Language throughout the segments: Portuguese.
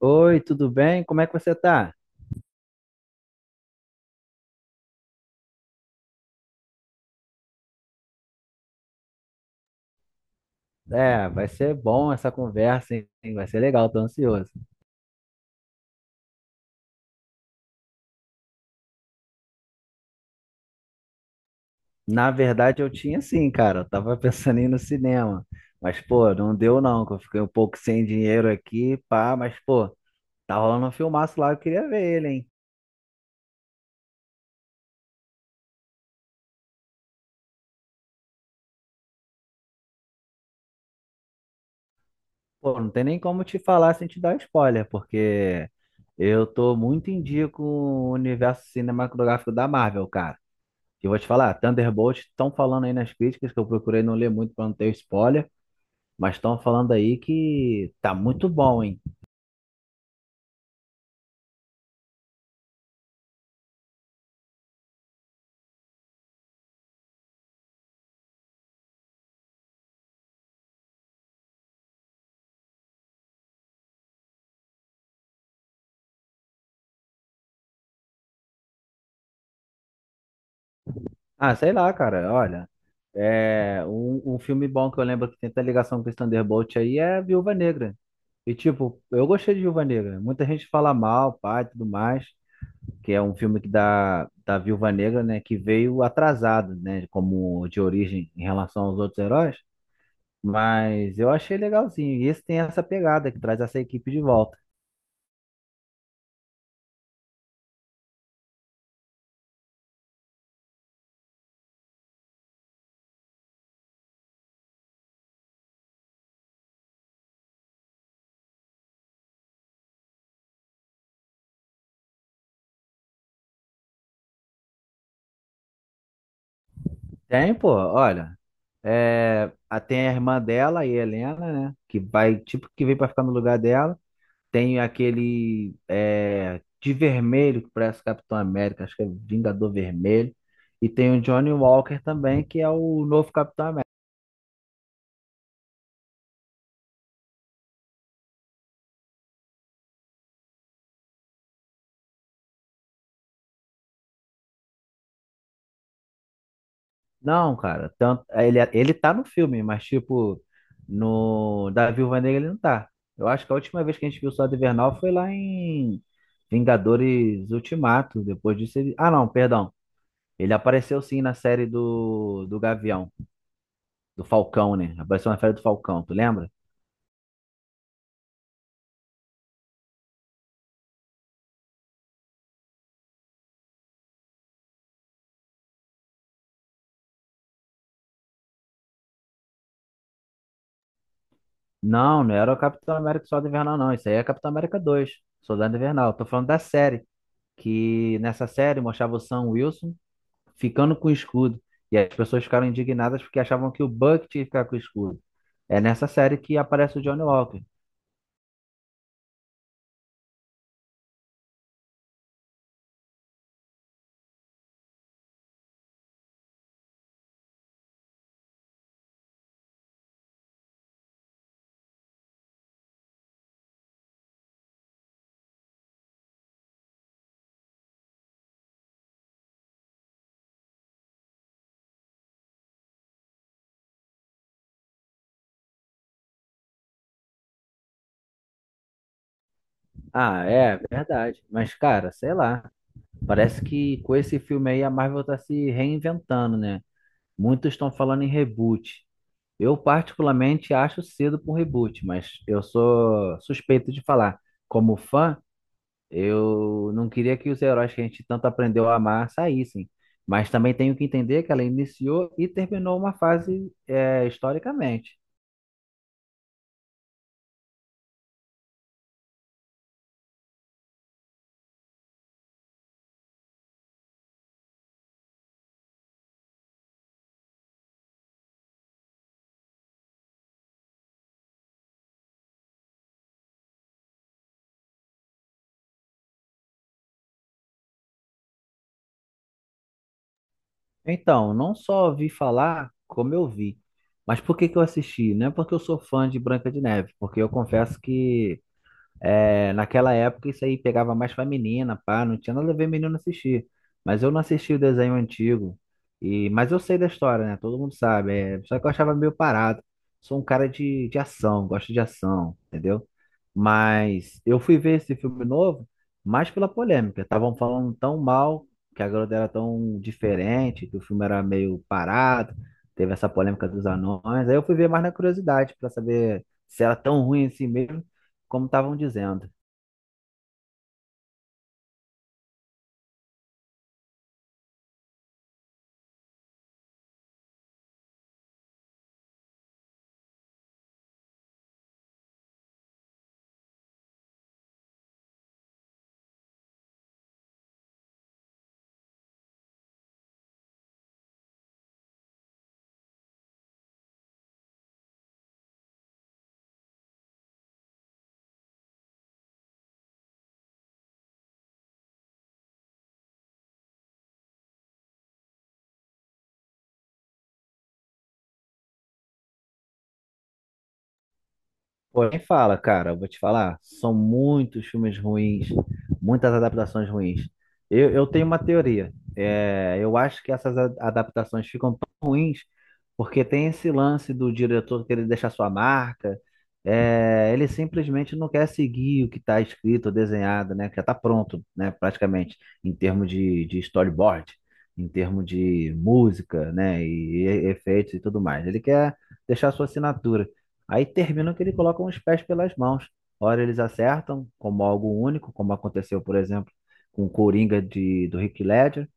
Oi, tudo bem? Como é que você tá? É, vai ser bom essa conversa, hein? Vai ser legal, tô ansioso. Na verdade, eu tinha sim, cara. Eu tava pensando em ir no cinema. Mas, pô, não deu não, que eu fiquei um pouco sem dinheiro aqui, pá. Mas, pô, tá rolando um filmaço lá, eu queria ver ele, hein? Pô, não tem nem como te falar sem te dar spoiler, porque eu tô muito em dia com o universo cinematográfico da Marvel, cara. E eu vou te falar, Thunderbolt estão falando aí nas críticas, que eu procurei não ler muito pra não ter spoiler. Mas estão falando aí que tá muito bom, hein? Ah, sei lá, cara. Olha, é um filme bom que eu lembro que tem até ligação com esse Thunderbolt aí é Viúva Negra. E tipo, eu gostei de Viúva Negra. Muita gente fala mal, pai, e tudo mais, que é um filme que da Viúva Negra, né, que veio atrasado, né, como de origem em relação aos outros heróis. Mas eu achei legalzinho. E esse tem essa pegada que traz essa equipe de volta. Tem, pô, olha. É, tem a irmã dela, a Helena, né? Que vai, tipo, que vem pra ficar no lugar dela. Tem aquele é, de vermelho, que parece Capitão América, acho que é Vingador Vermelho. E tem o Johnny Walker também, que é o novo Capitão América. Não, cara, tanto, ele, é, ele tá no filme, mas, tipo, no da Viúva Negra ele não tá. Eu acho que a última vez que a gente viu o Soldado Invernal foi lá em Vingadores Ultimato. Depois disso ele. Ah, não, perdão. Ele apareceu sim na série do Gavião, do Falcão, né? Apareceu na série do Falcão, tu lembra? Não, não era o Capitão América Soldado Invernal, não. Isso aí é Capitão América 2, Soldado Invernal. Tô falando da série, que nessa série mostrava o Sam Wilson ficando com o escudo. E as pessoas ficaram indignadas porque achavam que o Buck tinha que ficar com o escudo. É nessa série que aparece o Johnny Walker. Ah, é verdade. Mas, cara, sei lá. Parece que com esse filme aí a Marvel tá se reinventando, né? Muitos estão falando em reboot. Eu particularmente acho cedo para um reboot, mas eu sou suspeito de falar. Como fã, eu não queria que os heróis que a gente tanto aprendeu a amar saíssem. Mas também tenho que entender que ela iniciou e terminou uma fase, é, historicamente. Então, não só ouvi falar, como eu vi. Mas por que que eu assisti? Não é porque eu sou fã de Branca de Neve, porque eu confesso que é, naquela época isso aí pegava mais pra menina, pá, não tinha nada a ver menino assistir. Mas eu não assisti o desenho antigo. E, mas eu sei da história, né? Todo mundo sabe. É, só que eu achava meio parado. Sou um cara de ação, gosto de ação, entendeu? Mas eu fui ver esse filme novo mais pela polêmica. Estavam falando tão mal, que a garota era tão diferente, que o filme era meio parado, teve essa polêmica dos anões. Aí eu fui ver mais na curiosidade, pra saber se era tão ruim assim mesmo como estavam dizendo. Porém, fala, cara, eu vou te falar, são muitos filmes ruins, muitas adaptações ruins. Eu tenho uma teoria. É, eu acho que essas adaptações ficam tão ruins porque tem esse lance do diretor querer deixar sua marca. É, ele simplesmente não quer seguir o que está escrito, desenhado, né? Que já está pronto, né? Praticamente, em termos de storyboard, em termos de música, né? E efeitos e tudo mais. Ele quer deixar sua assinatura. Aí termina que ele coloca os pés pelas mãos. Ora eles acertam, como algo único, como aconteceu, por exemplo, com o Coringa do Heath Ledger.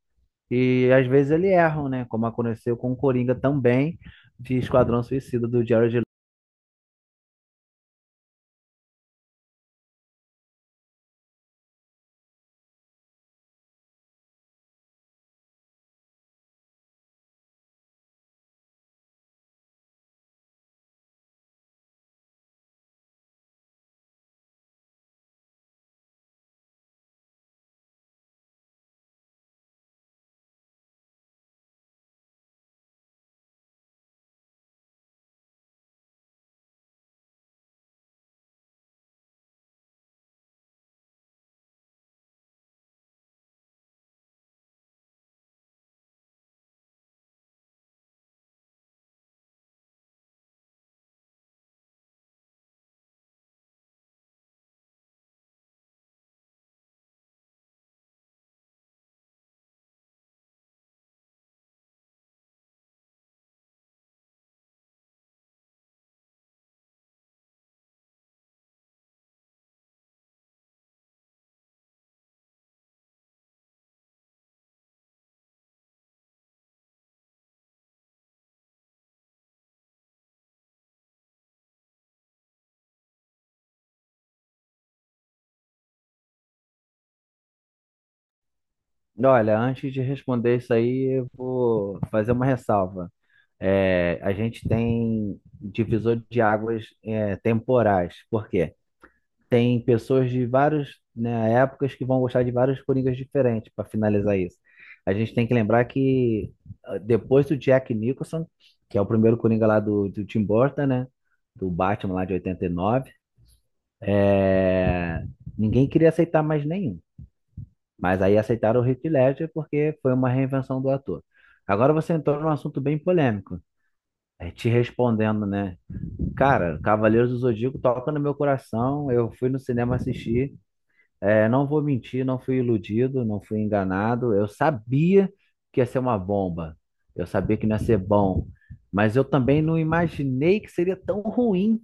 E às vezes ele erram, né? Como aconteceu com o Coringa também de Esquadrão Suicida do Jared Leto. Olha, antes de responder isso aí, eu vou fazer uma ressalva. É, a gente tem divisor de águas, é, temporais. Por quê? Tem pessoas de vários, né, épocas que vão gostar de vários Coringas diferentes para finalizar isso. A gente tem que lembrar que depois do Jack Nicholson, que é o primeiro Coringa lá do Tim Burton, né? Do Batman lá de 89, é, ninguém queria aceitar mais nenhum. Mas aí aceitaram o Heath Ledger porque foi uma reinvenção do ator. Agora você entrou num assunto bem polêmico. É, te respondendo, né? Cara, Cavaleiros do Zodíaco toca no meu coração. Eu fui no cinema assistir. É, não vou mentir, não fui iludido, não fui enganado. Eu sabia que ia ser uma bomba. Eu sabia que não ia ser bom. Mas eu também não imaginei que seria tão ruim.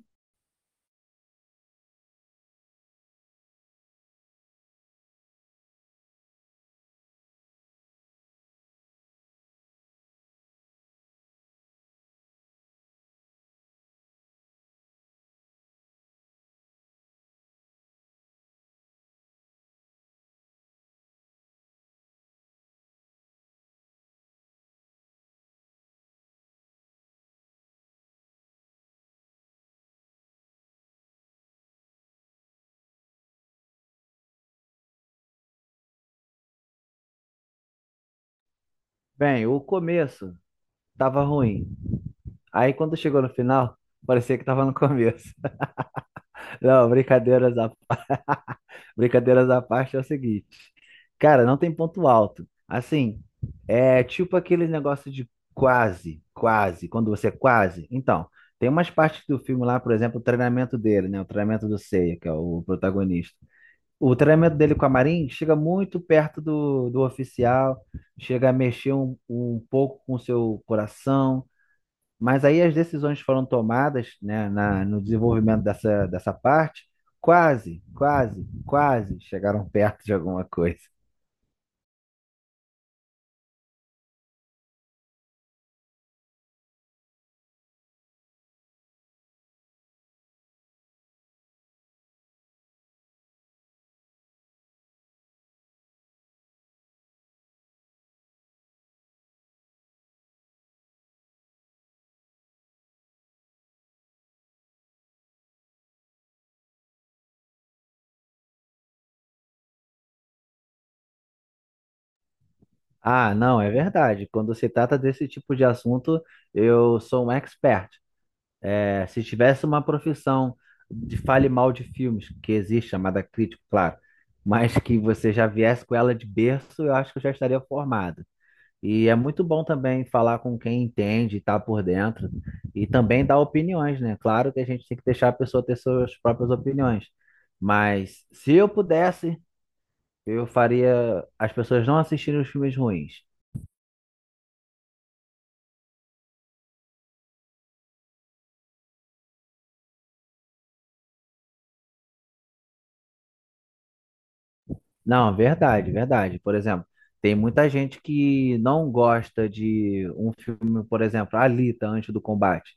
Bem, o começo tava ruim. Aí quando chegou no final, parecia que tava no começo. Não, brincadeiras à Brincadeiras à parte é o seguinte. Cara, não tem ponto alto. Assim, é tipo aquele negócio de quase, quase, quando você é quase. Então, tem umas partes do filme lá, por exemplo, o treinamento dele, né? O treinamento do Seiya, que é o protagonista. O treinamento dele com a Marin chega muito perto do oficial, chega a mexer um pouco com o seu coração. Mas aí as decisões foram tomadas, né, na, no desenvolvimento dessa parte, quase, quase, quase chegaram perto de alguma coisa. Ah, não, é verdade. Quando se trata desse tipo de assunto, eu sou um expert. É, se tivesse uma profissão de fale mal de filmes, que existe, chamada crítico, claro, mas que você já viesse com ela de berço, eu acho que eu já estaria formado. E é muito bom também falar com quem entende, e tá por dentro, e também dar opiniões, né? Claro que a gente tem que deixar a pessoa ter suas próprias opiniões, mas se eu pudesse, eu faria as pessoas não assistirem os filmes ruins. Não, verdade, verdade. Por exemplo, tem muita gente que não gosta de um filme, por exemplo, Alita, Antes do Combate.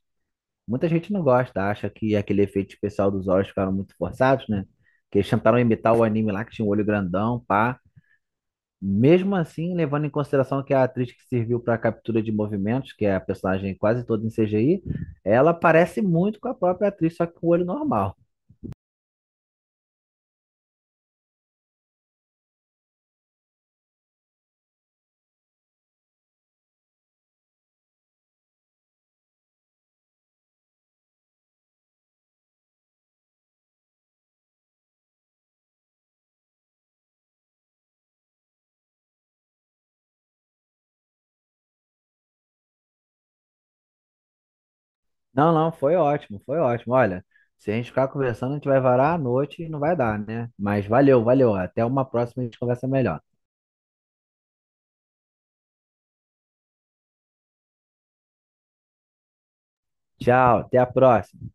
Muita gente não gosta, acha que aquele efeito especial dos olhos ficaram muito forçados, né? Que eles tentaram imitar o anime lá, que tinha um olho grandão, pá. Mesmo assim, levando em consideração que a atriz que serviu para a captura de movimentos, que é a personagem quase toda em CGI, ela parece muito com a própria atriz, só que com o olho normal. Não, não, foi ótimo, foi ótimo. Olha, se a gente ficar conversando, a gente vai varar a noite e não vai dar, né? Mas valeu, valeu. Até uma próxima, a gente conversa melhor. Tchau, até a próxima.